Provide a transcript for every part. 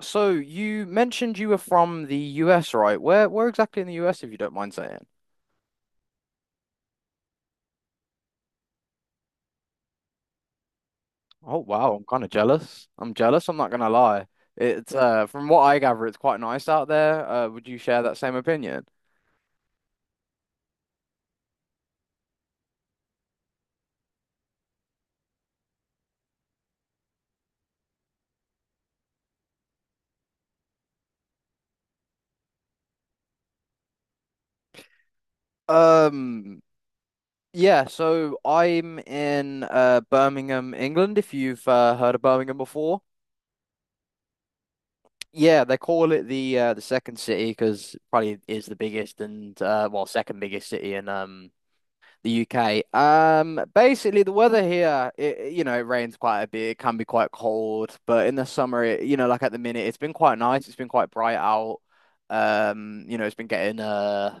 So you mentioned you were from the US, right? Where exactly in the US, if you don't mind saying? Oh wow, I'm kind of jealous. I'm jealous, I'm not gonna lie. It's from what I gather, it's quite nice out there. Would you share that same opinion? Um yeah, so I'm in Birmingham, England, if you've heard of Birmingham before. Yeah, they call it the second city because probably is the biggest and well second biggest city in the UK. Basically the weather here, it rains quite a bit. It can be quite cold, but in the summer, it, like at the minute, it's been quite nice. It's been quite bright out. It's been getting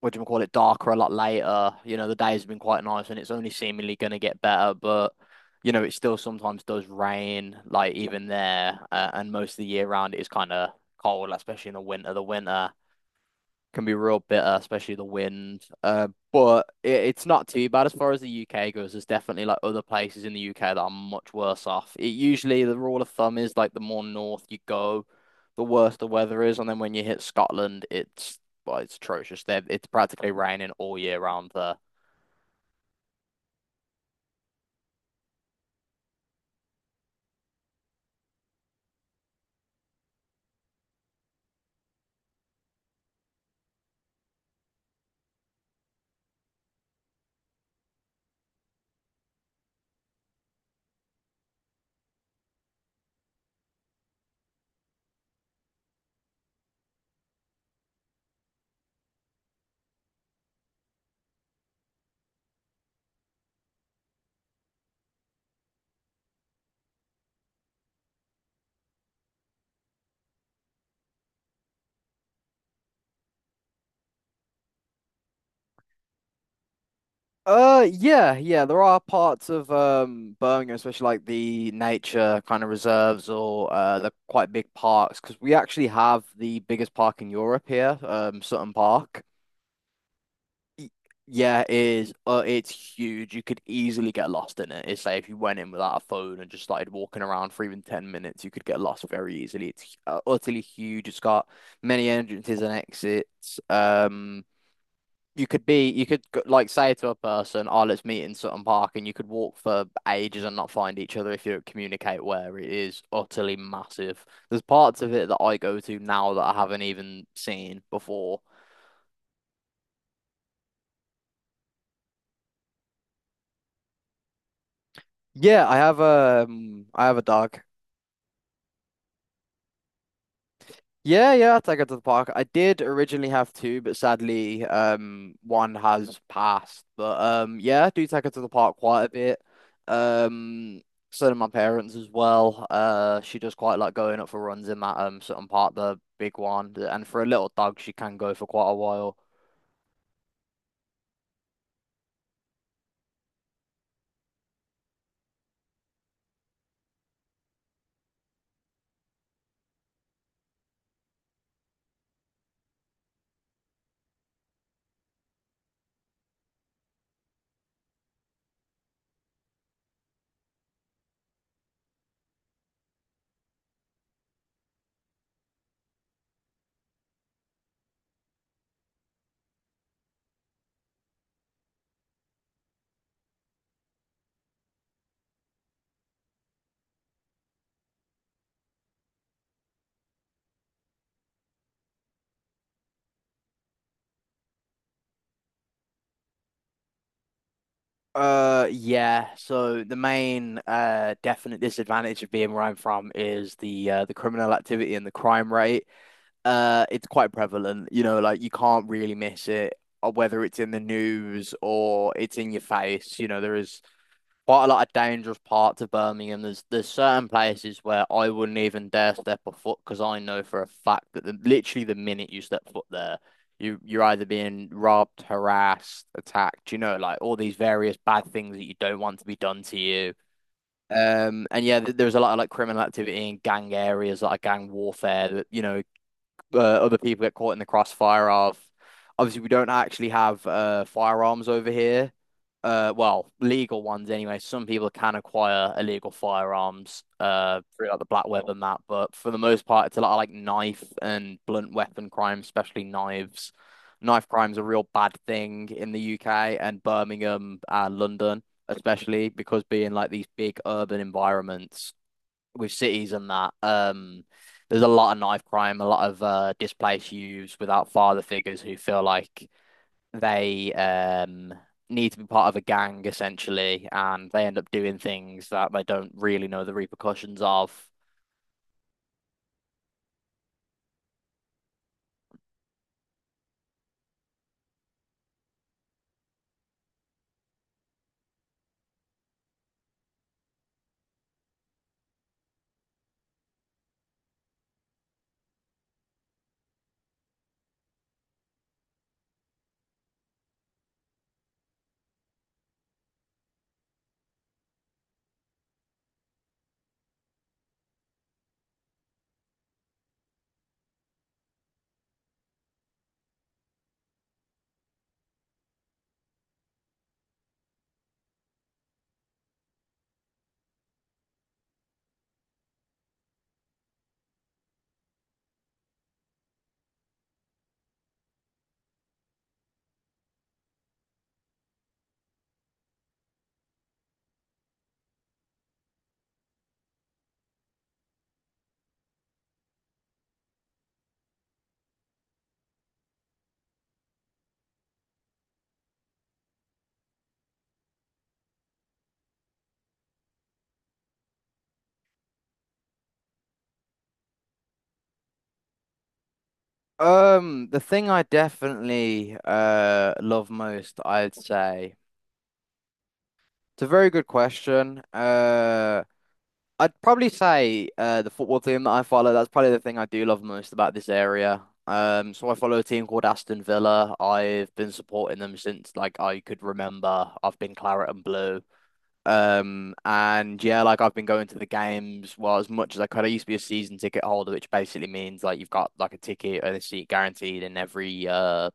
what do you call it, darker a lot later. The days have been quite nice, and it's only seemingly going to get better. But it still sometimes does rain, like even there, and most of the year round it is kind of cold, like, especially in the winter. The winter can be real bitter, especially the wind. But it's not too bad as far as the UK goes. There's definitely like other places in the UK that are much worse off. It usually the rule of thumb is like the more north you go, the worse the weather is, and then when you hit Scotland, it's well, it's atrocious. There, it's practically raining all year round there. Yeah, yeah. There are parts of Birmingham, especially like the nature kind of reserves or the quite big parks, because we actually have the biggest park in Europe here, Sutton Park. Y- Yeah, it is. It's huge. You could easily get lost in it. It's like if you went in without a phone and just started walking around for even 10 minutes, you could get lost very easily. It's utterly huge. It's got many entrances and exits. You could be, you could go- Like say to a person, "Oh, let's meet in Sutton Park," and you could walk for ages and not find each other if you don't communicate where it is utterly massive. There's parts of it that I go to now that I haven't even seen before. Yeah, I have a dog. Yeah, yeah, I take it to the park. I did originally have two, but sadly, one has passed. But yeah, I do take her to the park quite a bit. Um, so do my parents as well. She does quite like going up for runs in that certain part, the big one, and for a little dog, she can go for quite a while. Yeah. So the main definite disadvantage of being where I'm from is the criminal activity and the crime rate. It's quite prevalent. Like you can't really miss it, or whether it's in the news or it's in your face. There is quite a lot of dangerous parts of Birmingham. There's certain places where I wouldn't even dare step a foot because I know for a fact that literally the minute you step foot there, you're either being robbed, harassed, attacked. Like all these various bad things that you don't want to be done to you. And yeah, there's a lot of like criminal activity in gang areas, like gang warfare that, other people get caught in the crossfire of. Obviously, we don't actually have firearms over here. Well, legal ones anyway. Some people can acquire illegal firearms through like the black web and that, but for the most part, it's a lot of like knife and blunt weapon crimes, especially knives. Knife crime's a real bad thing in the UK and Birmingham and London, especially because being like these big urban environments with cities and that. There's a lot of knife crime, a lot of displaced youths without father figures who feel like they need to be part of a gang essentially, and they end up doing things that they don't really know the repercussions of. The thing I definitely love most, I'd say. It's a very good question. I'd probably say the football team that I follow, that's probably the thing I do love most about this area. So I follow a team called Aston Villa. I've been supporting them since like I could remember. I've been claret and blue. And yeah, like I've been going to the games well as much as I could. I used to be a season ticket holder, which basically means like you've got like a ticket and a seat guaranteed in every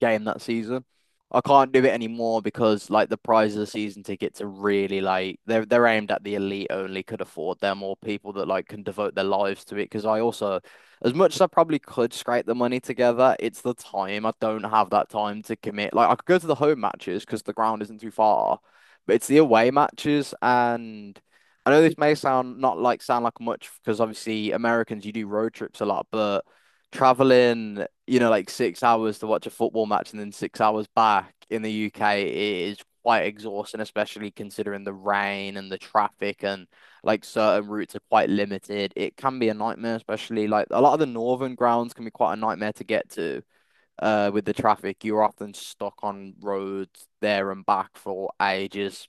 game that season. I can't do it anymore because like the prize of the season tickets are really like they're aimed at the elite only could afford them or people that like can devote their lives to it. Because I also, as much as I probably could scrape the money together, it's the time. I don't have that time to commit. Like I could go to the home matches because the ground isn't too far, but it's the away matches and. I know this may sound not like sound like much because obviously Americans you do road trips a lot, but traveling, like 6 hours to watch a football match and then 6 hours back in the UK is quite exhausting, especially considering the rain and the traffic and like certain routes are quite limited. It can be a nightmare, especially like a lot of the northern grounds can be quite a nightmare to get to. With the traffic, you're often stuck on roads there and back for ages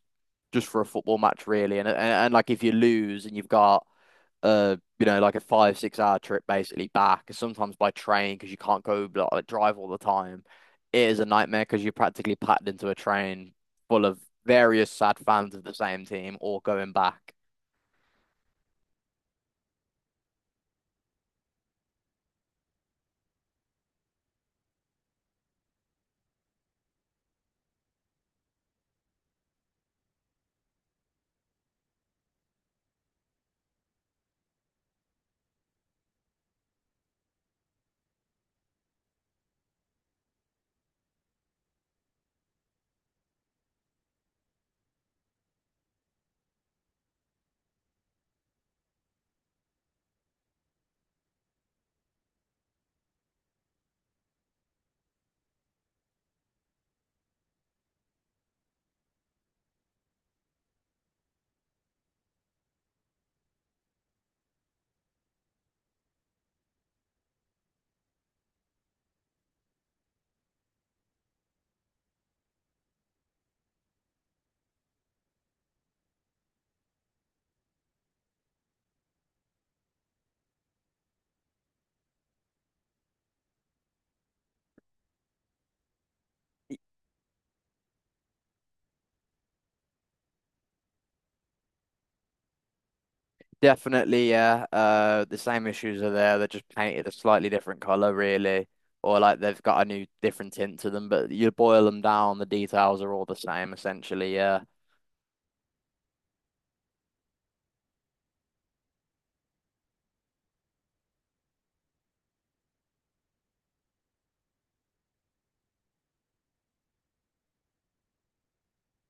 just for a football match, really. And like if you lose and you've got like a 5-6 hour trip basically back sometimes by train because you can't go drive all the time. It is a nightmare because you're practically packed into a train full of various sad fans of the same team all going back. Definitely yeah, the same issues are there, they're just painted a slightly different color really, or like they've got a new different tint to them, but you boil them down, the details are all the same essentially, yeah.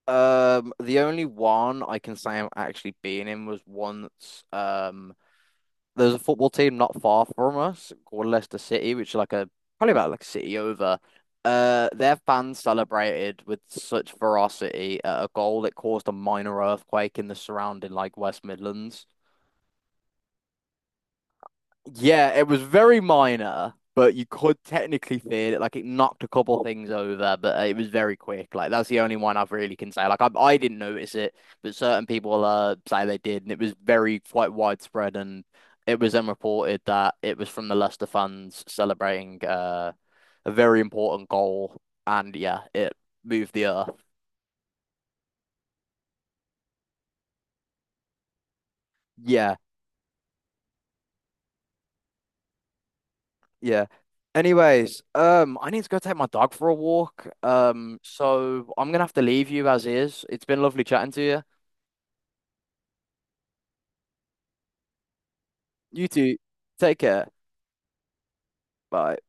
The only one I can say I'm actually being in was once. There's a football team not far from us called Leicester City, which is like a probably about like a city over. Their fans celebrated with such ferocity at a goal that caused a minor earthquake in the surrounding like West Midlands. Yeah, it was very minor, but you could technically feel it. Like it knocked a couple things over, but it was very quick. Like that's the only one I've really can say. Like I didn't notice it, but certain people say they did, and it was very quite widespread. And it was then reported that it was from the Leicester fans celebrating a very important goal, and yeah, it moved the earth. Yeah. Yeah. Anyways, I need to go take my dog for a walk. So I'm gonna have to leave you as is. It's been lovely chatting to you. You too. Take care. Bye.